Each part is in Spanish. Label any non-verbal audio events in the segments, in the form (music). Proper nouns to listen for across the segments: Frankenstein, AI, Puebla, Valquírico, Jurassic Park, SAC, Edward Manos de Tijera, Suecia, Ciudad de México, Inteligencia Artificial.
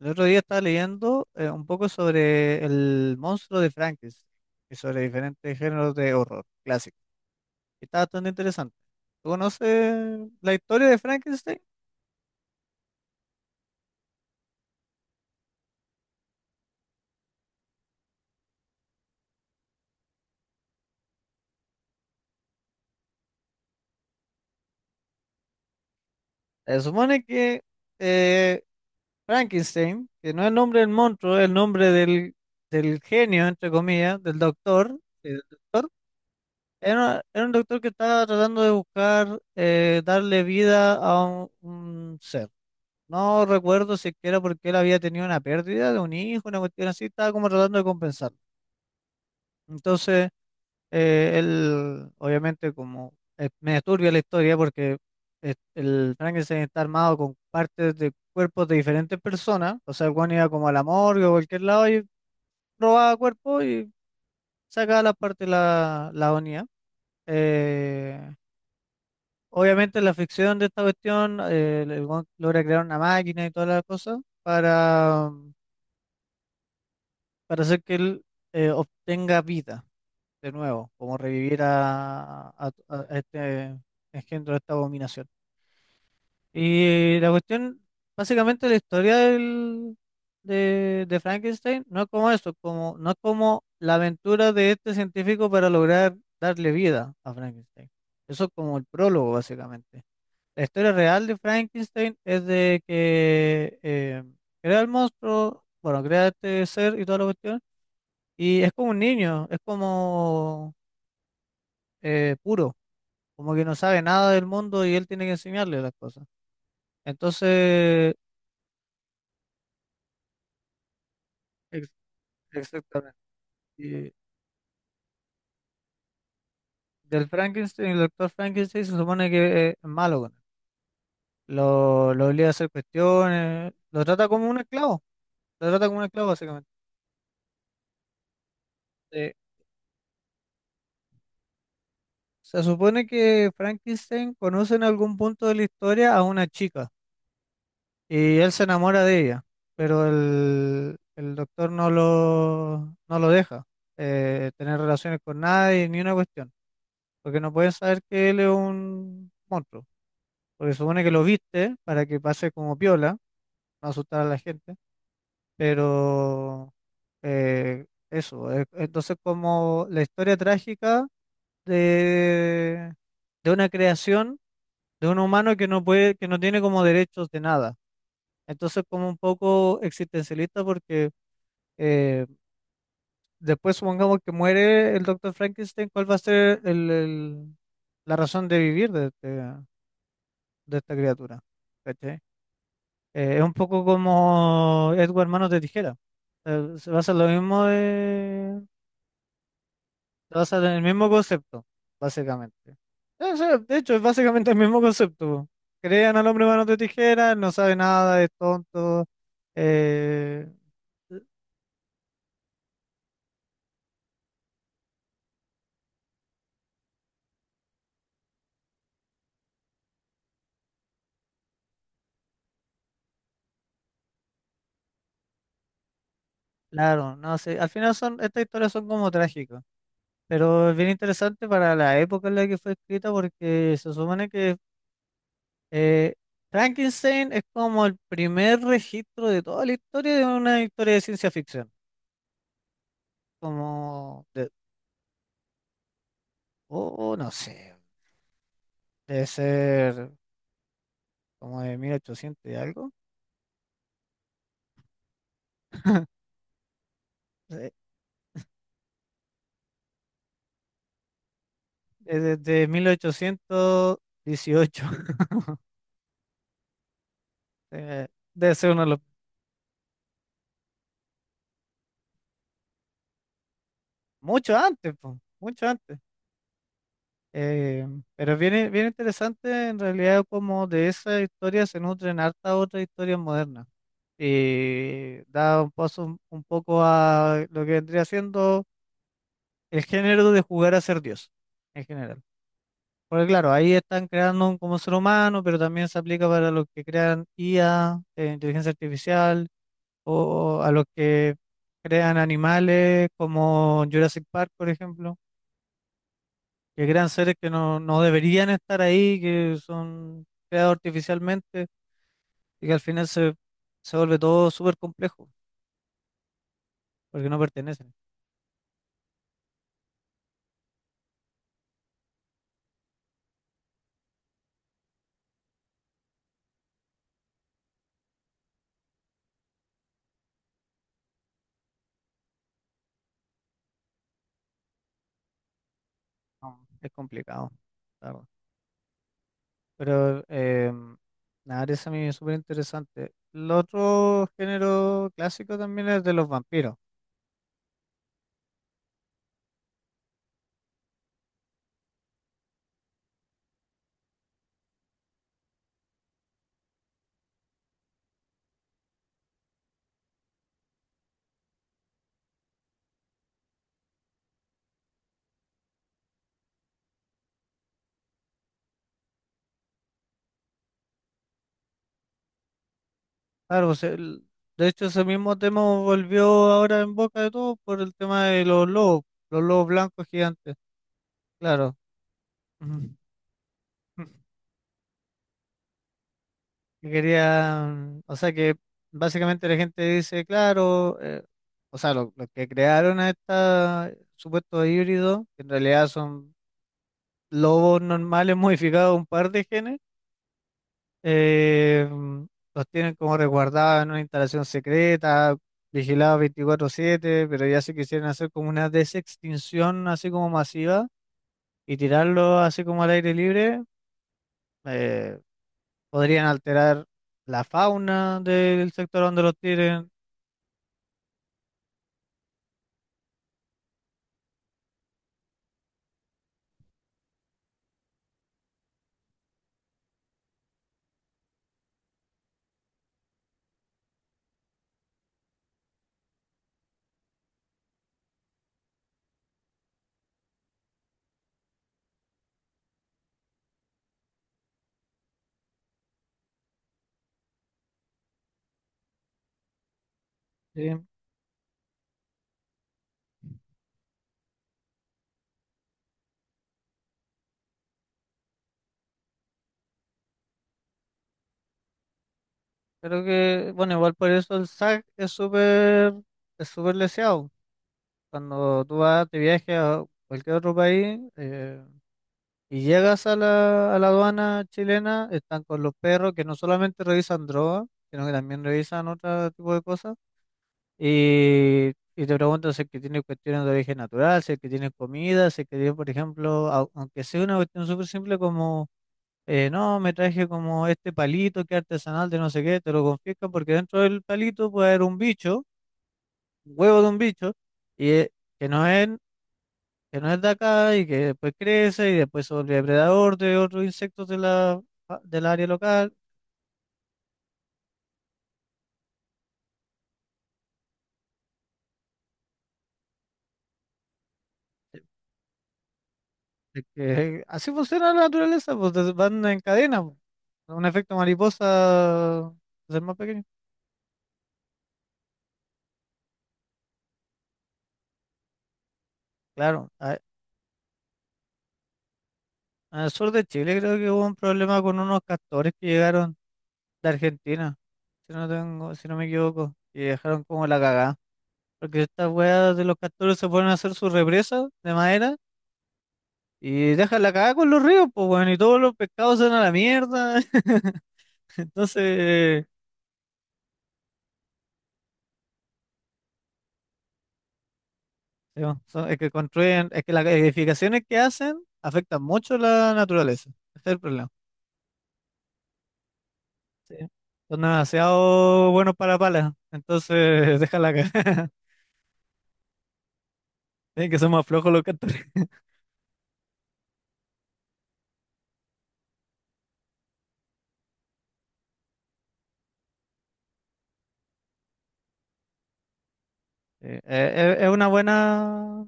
El otro día estaba leyendo un poco sobre el monstruo de Frankenstein y sobre diferentes géneros de horror clásico. Y está bastante interesante. ¿Tú conoces la historia de Frankenstein? Se supone que eh, Frankenstein, que no es el nombre del monstruo, es el nombre del genio, entre comillas, del doctor, eh, del doctor era un doctor que estaba tratando de buscar darle vida a un ser. No recuerdo si es que era porque él había tenido una pérdida de un hijo, una cuestión así, estaba como tratando de compensarlo. Entonces, él, obviamente, como me turbia la historia porque el Frankenstein está armado con partes de cuerpos de diferentes personas, o sea, el weón iba como a la morgue o a cualquier lado y robaba cuerpos y sacaba las partes la unía. Eh, Obviamente, en la ficción de esta cuestión, el weón logra crear una máquina y todas las cosas para hacer que él obtenga vida de nuevo, como revivir a este engendro de esta abominación. Y la cuestión, básicamente la historia de Frankenstein no es como eso, como, no es como la aventura de este científico para lograr darle vida a Frankenstein. Eso es como el prólogo, básicamente. La historia real de Frankenstein es de que crea el monstruo, bueno, crea este ser y toda la cuestión. Y es como un niño, es como puro, como que no sabe nada del mundo y él tiene que enseñarle las cosas. Entonces, ex- exactamente. Y del Frankenstein, el doctor Frankenstein se supone que es malo con él. Lo obliga a hacer cuestiones, lo trata como un esclavo, lo trata como un esclavo básicamente. Eh, Se supone que Frankenstein conoce en algún punto de la historia a una chica. Y él se enamora de ella, pero el doctor no lo deja tener relaciones con nadie ni una cuestión, porque no pueden saber que él es un monstruo, porque supone que lo viste para que pase como piola, no asustar a la gente, pero entonces como la historia trágica de, de una creación de un humano que no puede, que no tiene como derechos de nada. Entonces, como un poco existencialista, porque eh, después supongamos que muere el doctor Frankenstein, ¿cuál va a ser la razón de vivir de esta criatura? ¿Cachai? Es un poco como Edward Manos de Tijera. Se basa en lo mismo se basa en el mismo concepto, básicamente. Sí, de hecho, es básicamente el mismo concepto. Crean al hombre Manos de Tijera, no sabe nada, es tonto. eh, Claro, no sé, al final son, estas historias son como trágicas, pero es bien interesante para la época en la que fue escrita porque se supone que eh, Frankenstein es como el primer registro de toda la historia de una historia de ciencia ficción, como de, oh, no sé, debe ser como de 1800 y algo, (laughs) de- es desde 1818, (laughs) eh, debe ser uno de los, mucho antes, po, mucho antes. Eh, pero es bien, bien interesante en realidad como de esa historia se nutren hartas otras historias modernas y da un paso un poco a lo que vendría siendo el género de jugar a ser Dios en general. Porque claro, ahí están creando un como ser humano, pero también se aplica para los que crean IA, inteligencia artificial, o a los que crean animales como Jurassic Park, por ejemplo que crean seres que no deberían estar ahí, que son creados artificialmente y que al final se vuelve todo súper complejo porque no pertenecen. No, es complicado, la verdad. Pero nada, eso a mí es súper interesante. El otro género clásico también es de los vampiros. Claro, pues, de hecho ese mismo tema volvió ahora en boca de todos por el tema de los lobos blancos gigantes. Claro. Ujú. (laughs) Que querían, o sea que básicamente la gente dice, claro, o sea, los que crearon a estos supuestos híbridos, que en realidad son lobos normales (laughs) modificados un par de genes, eh, los tienen como resguardados en una instalación secreta, vigilados 24/7, pero ya se quisieran hacer como una desextinción así como masiva y tirarlos así como al aire libre, eh, podrían alterar la fauna del sector donde los tiren. Sí, creo que, bueno, igual por eso el SAC es súper leseado. Cuando tú vas de viaje a cualquier otro país y llegas a la aduana chilena, están con los perros que no solamente revisan droga, sino que también revisan otro tipo de cosas. Y te preguntan si es que tiene cuestiones de origen natural, si es que tiene comida, si es que tiene, por ejemplo, aunque sea una cuestión súper simple como no, me traje como este palito que es artesanal de no sé qué, te lo confiscan porque dentro del palito puede haber un bicho, un huevo de un bicho, y que no es, que no es de acá y que después crece y después se vuelve depredador de otros insectos de del área local. Es que así funciona la naturaleza, pues van en cadena, pues. Un efecto mariposa es el más pequeño. Claro, al sur de Chile creo que hubo un problema con unos castores que llegaron de Argentina. Si no me equivoco, y dejaron como la cagada. Porque estas weas de los castores se ponen a hacer su represa de madera y dejan la cagada con los ríos, pues bueno, y todos los pescados se van a la mierda. (laughs) Entonces, sí, bueno, es que construyen, es que las edificaciones que hacen afectan mucho la naturaleza. Ese es el problema. Sí. Son demasiado buenos para palas, entonces (laughs) dejan la cagada. (laughs) Tienen que ser más flojos los castores. (laughs) Sí, es una buena.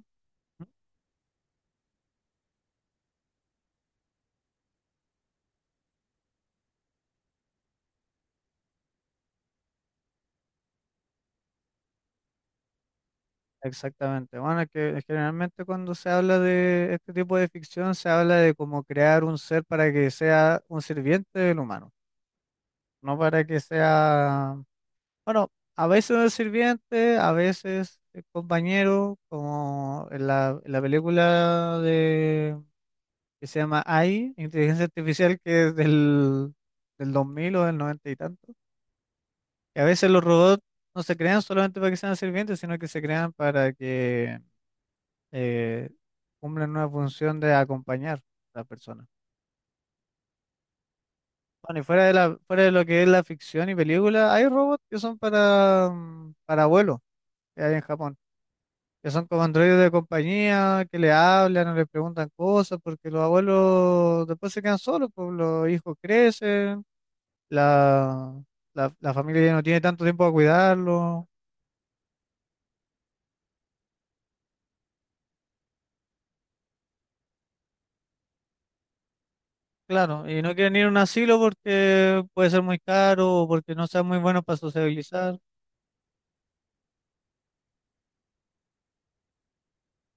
Exactamente. Bueno, es que generalmente cuando se habla de este tipo de ficción se habla de cómo crear un ser para que sea un sirviente del humano, no para que sea, bueno, a veces un sirviente, a veces el compañero, como en la película de que se llama AI, Inteligencia Artificial, que es del 2000 o del 90 y tanto, que a veces los robots no se crean solamente para que sean sirvientes, sino que se crean para que eh, cumplen una función de acompañar a la persona. Bueno, y fuera de fuera de lo que es la ficción y película, hay robots que son para, para abuelos, que hay en Japón, que son como androides de compañía, que le hablan o le preguntan cosas, porque los abuelos después se quedan solos, pues los hijos crecen, la, la familia ya no tiene tanto tiempo para cuidarlo. Claro, y no quieren ir a un asilo porque puede ser muy caro o porque no sean muy buenos para sociabilizar.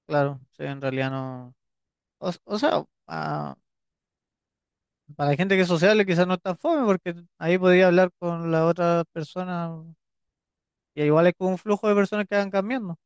Claro, sí, en realidad no. O sea, ah, para la gente que es sociable quizás no es tan fome porque ahí podría hablar con la otra persona, y igual es como un flujo de personas que van cambiando.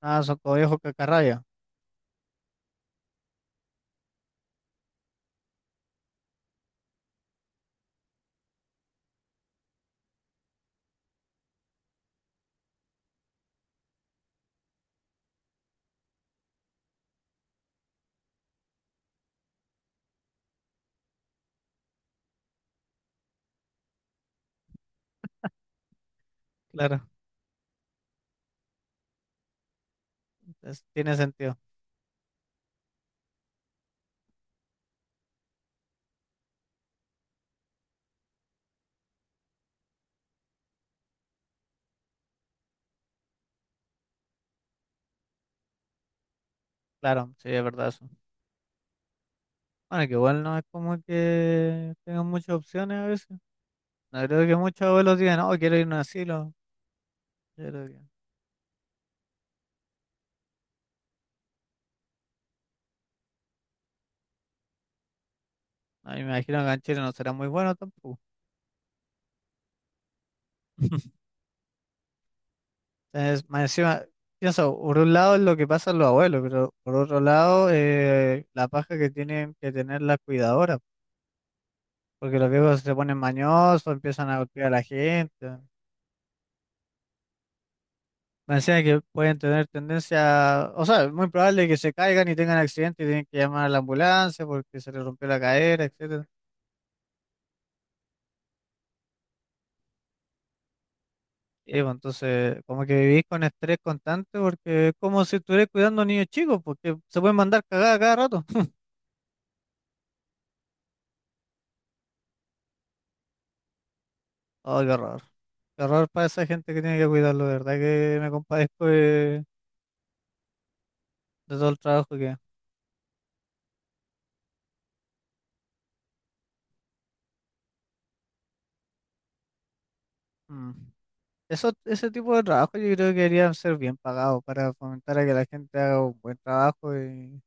Ah, son como viejos cacarrabia. Claro, tiene sentido. Claro, sí, es verdad eso. Bueno, que igual no es como que tengan muchas opciones a veces. No creo que muchos abuelos digan, no, quiero ir a un asilo. Yo creo que no, y me imagino que en Chile no será muy bueno tampoco. Es, más encima, pienso, por un lado es lo que pasa a los abuelos, pero por otro lado, la paja que tienen que tener las cuidadoras, porque los viejos se ponen mañosos, empiezan a golpear a la gente. Me decía que pueden tener tendencia, o sea, es muy probable que se caigan y tengan accidente y tienen que llamar a la ambulancia porque se les rompió la cadera, etcétera. Y bueno, entonces, como que vivís con estrés constante porque es como si estuvieras cuidando a niños chicos, porque se pueden mandar cagadas cada rato. Oh, qué horror. Qué horror para esa gente que tiene que cuidarlo, de verdad que me compadezco de todo el trabajo que. Mm. Eso, ese tipo de trabajo yo creo que deberían ser bien pagados para fomentar a que la gente haga un buen trabajo y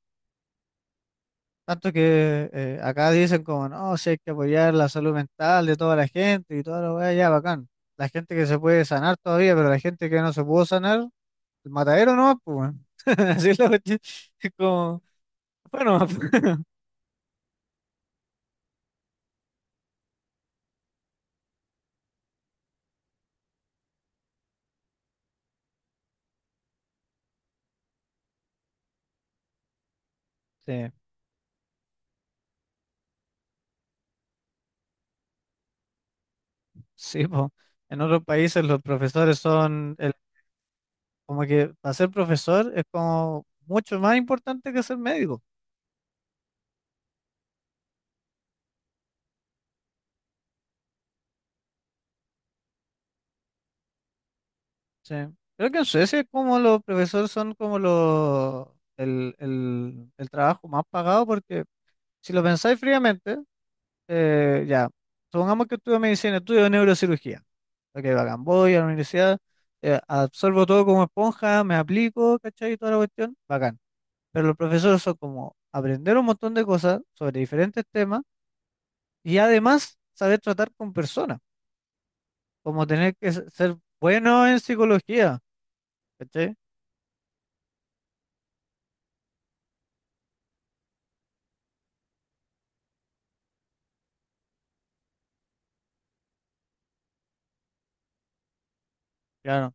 tanto que acá dicen como no, si hay que apoyar la salud mental de toda la gente y toda la weá, ya bacán. La gente que se puede sanar todavía, pero la gente que no se pudo sanar, el matadero no, pues weón. (laughs) Así es la cuestión. Es como, bueno, (laughs) sí. Sí, po. En otros países los profesores son, como que para ser profesor es como mucho más importante que ser médico. Sí. Creo que en Suecia es como los profesores son como los, el trabajo más pagado porque si lo pensáis fríamente, ya, supongamos que estudio medicina, estudio neurocirugía. Ok, bacán, voy a la universidad, absorbo todo como esponja, me aplico, ¿cachai? Y toda la cuestión, bacán. Pero los profesores son como aprender un montón de cosas sobre diferentes temas. Y además, saber tratar con personas, como tener que ser bueno en psicología, ¿cachai? Claro,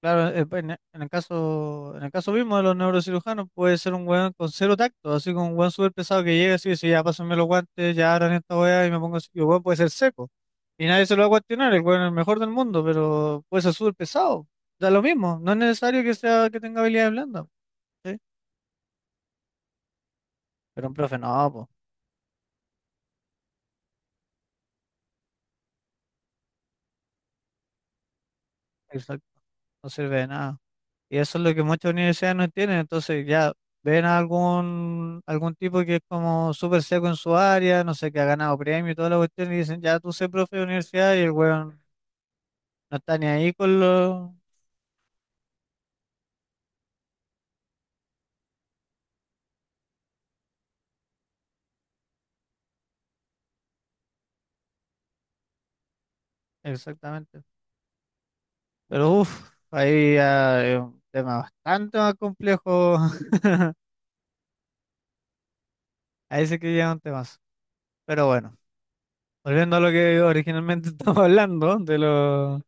claro, pues, en en el caso mismo de los neurocirujanos, puede ser un weón con cero tacto, así como un weón súper pesado que llega así y dice, "Sí, ya pásenme los guantes, ya abran esta weá y me pongo así", y el weón puede ser seco, y nadie se lo va a cuestionar, el weón es el mejor del mundo, pero puede ser súper pesado, da lo mismo, no es necesario que sea, que tenga habilidades blandas, ¿cachai? Pero un profe no, pues, exacto, no sirve de nada. Y eso es lo que muchas universidades no entienden. Entonces ya ven a algún tipo que es como súper seco en su área, no sé, que ha ganado premio y toda la cuestión, y dicen, ya tú sé profe de universidad y el weón no está ni ahí con lo... Exactamente. Pero uff, ahí ya es un tema bastante más complejo. (laughs) Ahí sí que llegan temas. Pero bueno, volviendo a lo que originalmente (laughs) estamos hablando, de los...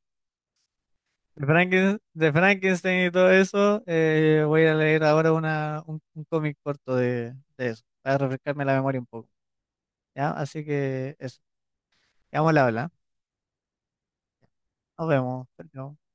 De de Frankenstein y todo eso, voy a leer ahora un cómic corto de eso, para refrescarme la memoria un poco. ¿Ya? Así que eso. Quedamos al habla, ¿ah? Nos vemos. Chao, chao.